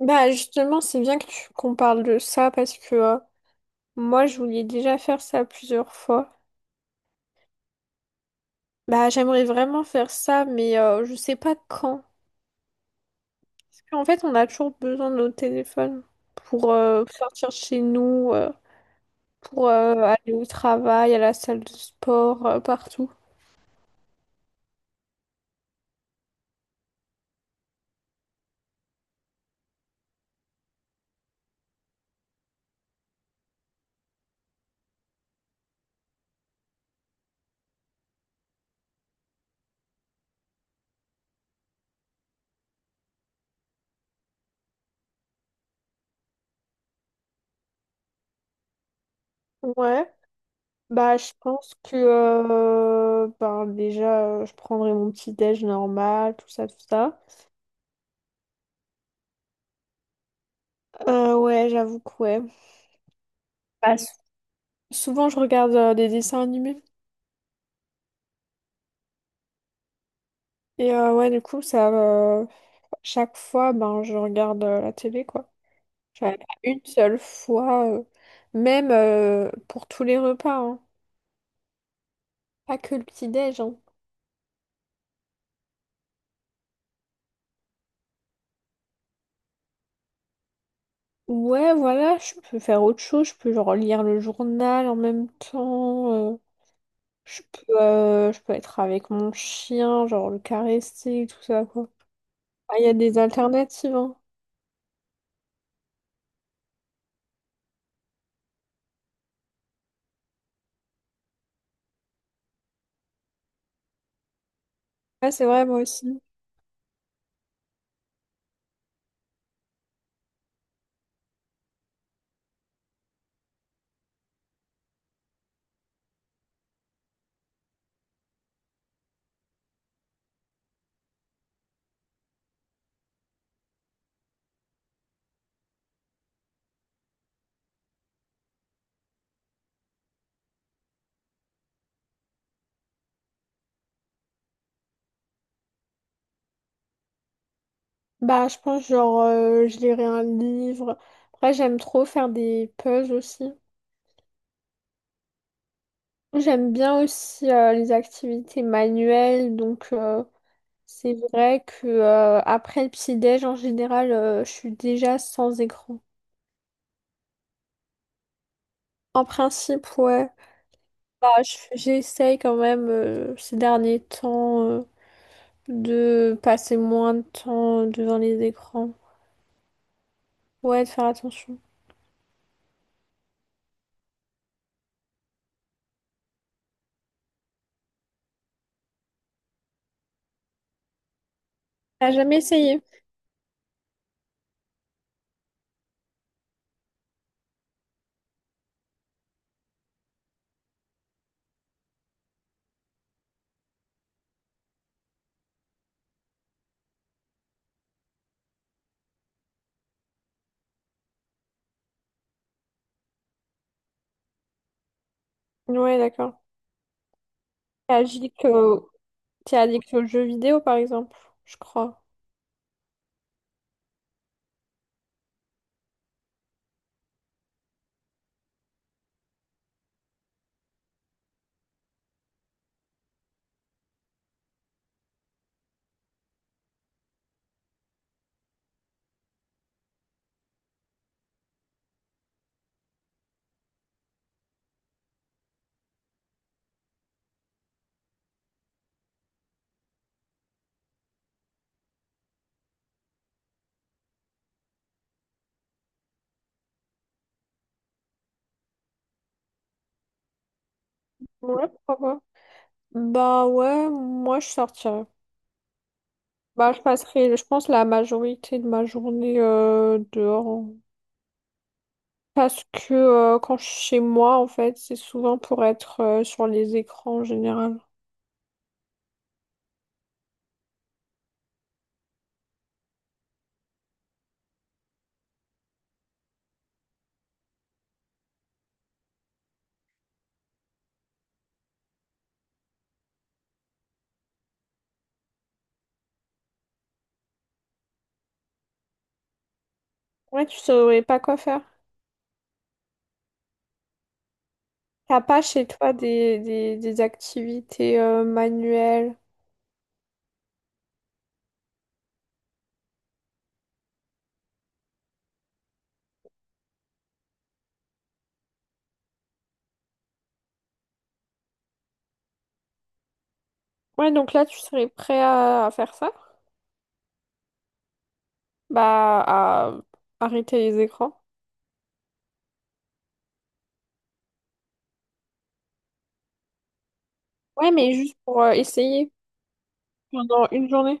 Bah justement, c'est bien que tu qu'on parle de ça parce que moi, je voulais déjà faire ça plusieurs fois. Bah j'aimerais vraiment faire ça, mais je sais pas quand. Parce qu'en fait, on a toujours besoin de nos téléphones pour sortir de chez nous, pour aller au travail, à la salle de sport, partout. Ouais. Bah je pense que ben, déjà, je prendrai mon petit déj normal, tout ça, tout ça. Ouais, j'avoue que ouais. Bah, souvent, je regarde des dessins animés. Et ouais, du coup, ça, chaque fois, ben, je regarde la télé, quoi. J'avais pas une seule fois, même pour tous les repas, hein. Pas que le petit-déj, hein. Ouais, voilà, je peux faire autre chose, je peux genre lire le journal en même temps, je peux être avec mon chien, genre le caresser, tout ça, quoi. Ah, il y a des alternatives, hein. Ouais, c'est vrai, moi aussi. Bah, je pense, genre, je lirai un livre. Après, j'aime trop faire des puzzles aussi. J'aime bien aussi les activités manuelles, donc c'est vrai que après le petit-déj, en général, je suis déjà sans écran. En principe, ouais. Bah, j'essaye quand même ces derniers temps de passer moins de temps devant les écrans. Ouais, de faire attention. T'as jamais essayé? Ouais, d'accord. T'es addict, euh, t'es addict aux jeux vidéo, par exemple, je crois. Ouais, pourquoi pas. Bah ouais, moi je sortirais. Bah, je passerai, je pense, la majorité de ma journée dehors, hein. Parce que quand je suis chez moi, en fait, c'est souvent pour être sur les écrans en général. Ouais, tu saurais pas quoi faire. T'as pas chez toi des activités manuelles. Ouais, donc là, tu serais prêt à faire ça? Bah, à arrêter les écrans. Ouais, mais juste pour essayer pendant une journée.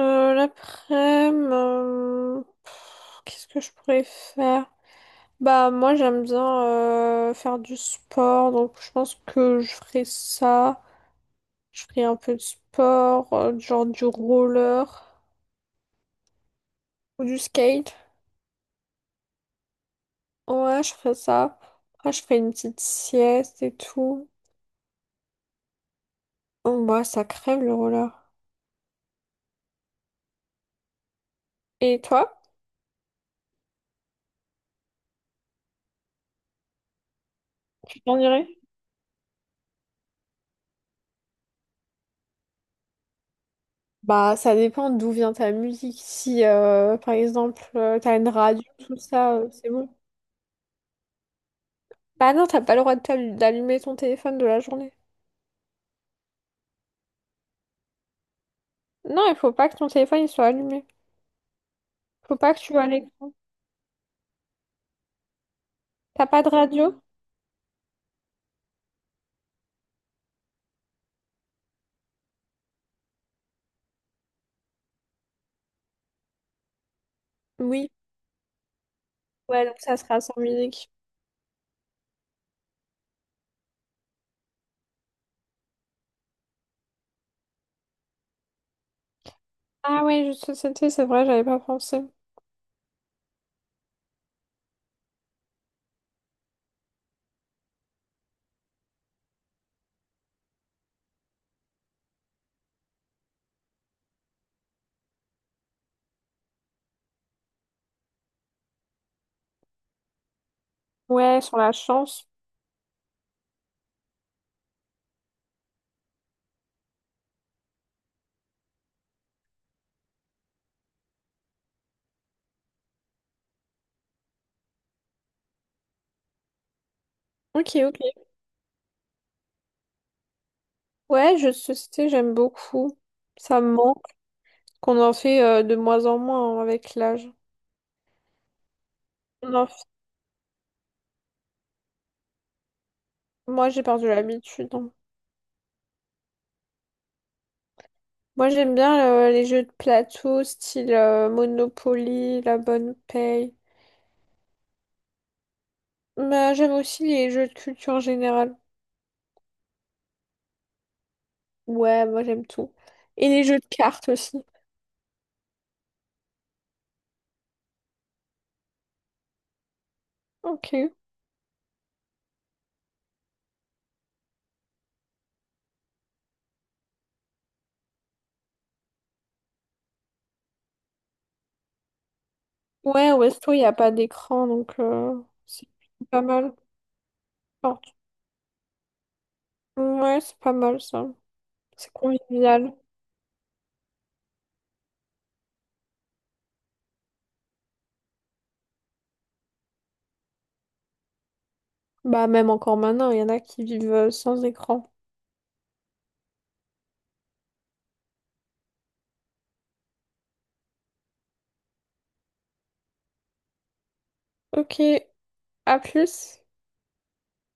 L'après-midi, qu'est-ce que je pourrais faire? Bah moi j'aime bien faire du sport, donc je pense que je ferai ça. Je ferai un peu de sport, genre du roller ou du skate. Ouais, je ferai ça. Après je ferai une petite sieste et tout. Oh, bah ça crève le roller. Et toi? Tu t'en irais? Bah ça dépend d'où vient ta musique. Si par exemple t'as une radio, tout ça, c'est bon. Bah non, t'as pas le droit de d'allumer ton téléphone de la journée. Non, il faut pas que ton téléphone il soit allumé. Faut pas que tu vas à l'écran. T'as pas de radio? Oui. Ouais, donc ça sera sans musique. Ah ouais, jeux de société, c'est vrai, j'avais pas pensé. Ouais, sur la chance. Ok, ok. Ouais, jeux de société, j'aime beaucoup. Ça me manque qu'on en fait de moins en moins, hein, avec l'âge. On en fait- Moi, j'ai perdu l'habitude, hein. Moi, j'aime bien les jeux de plateau, style Monopoly, La Bonne Paye. Mais j'aime aussi les jeux de culture générale. Ouais, moi, j'aime tout. Et les jeux de cartes aussi. Ok. Ouais, Westo, il n'y a pas d'écran, donc c'est pas mal. Enfin, ouais, c'est pas mal ça. C'est convivial. Bah, même encore maintenant, il y en a qui vivent sans écran. Ok, à plus.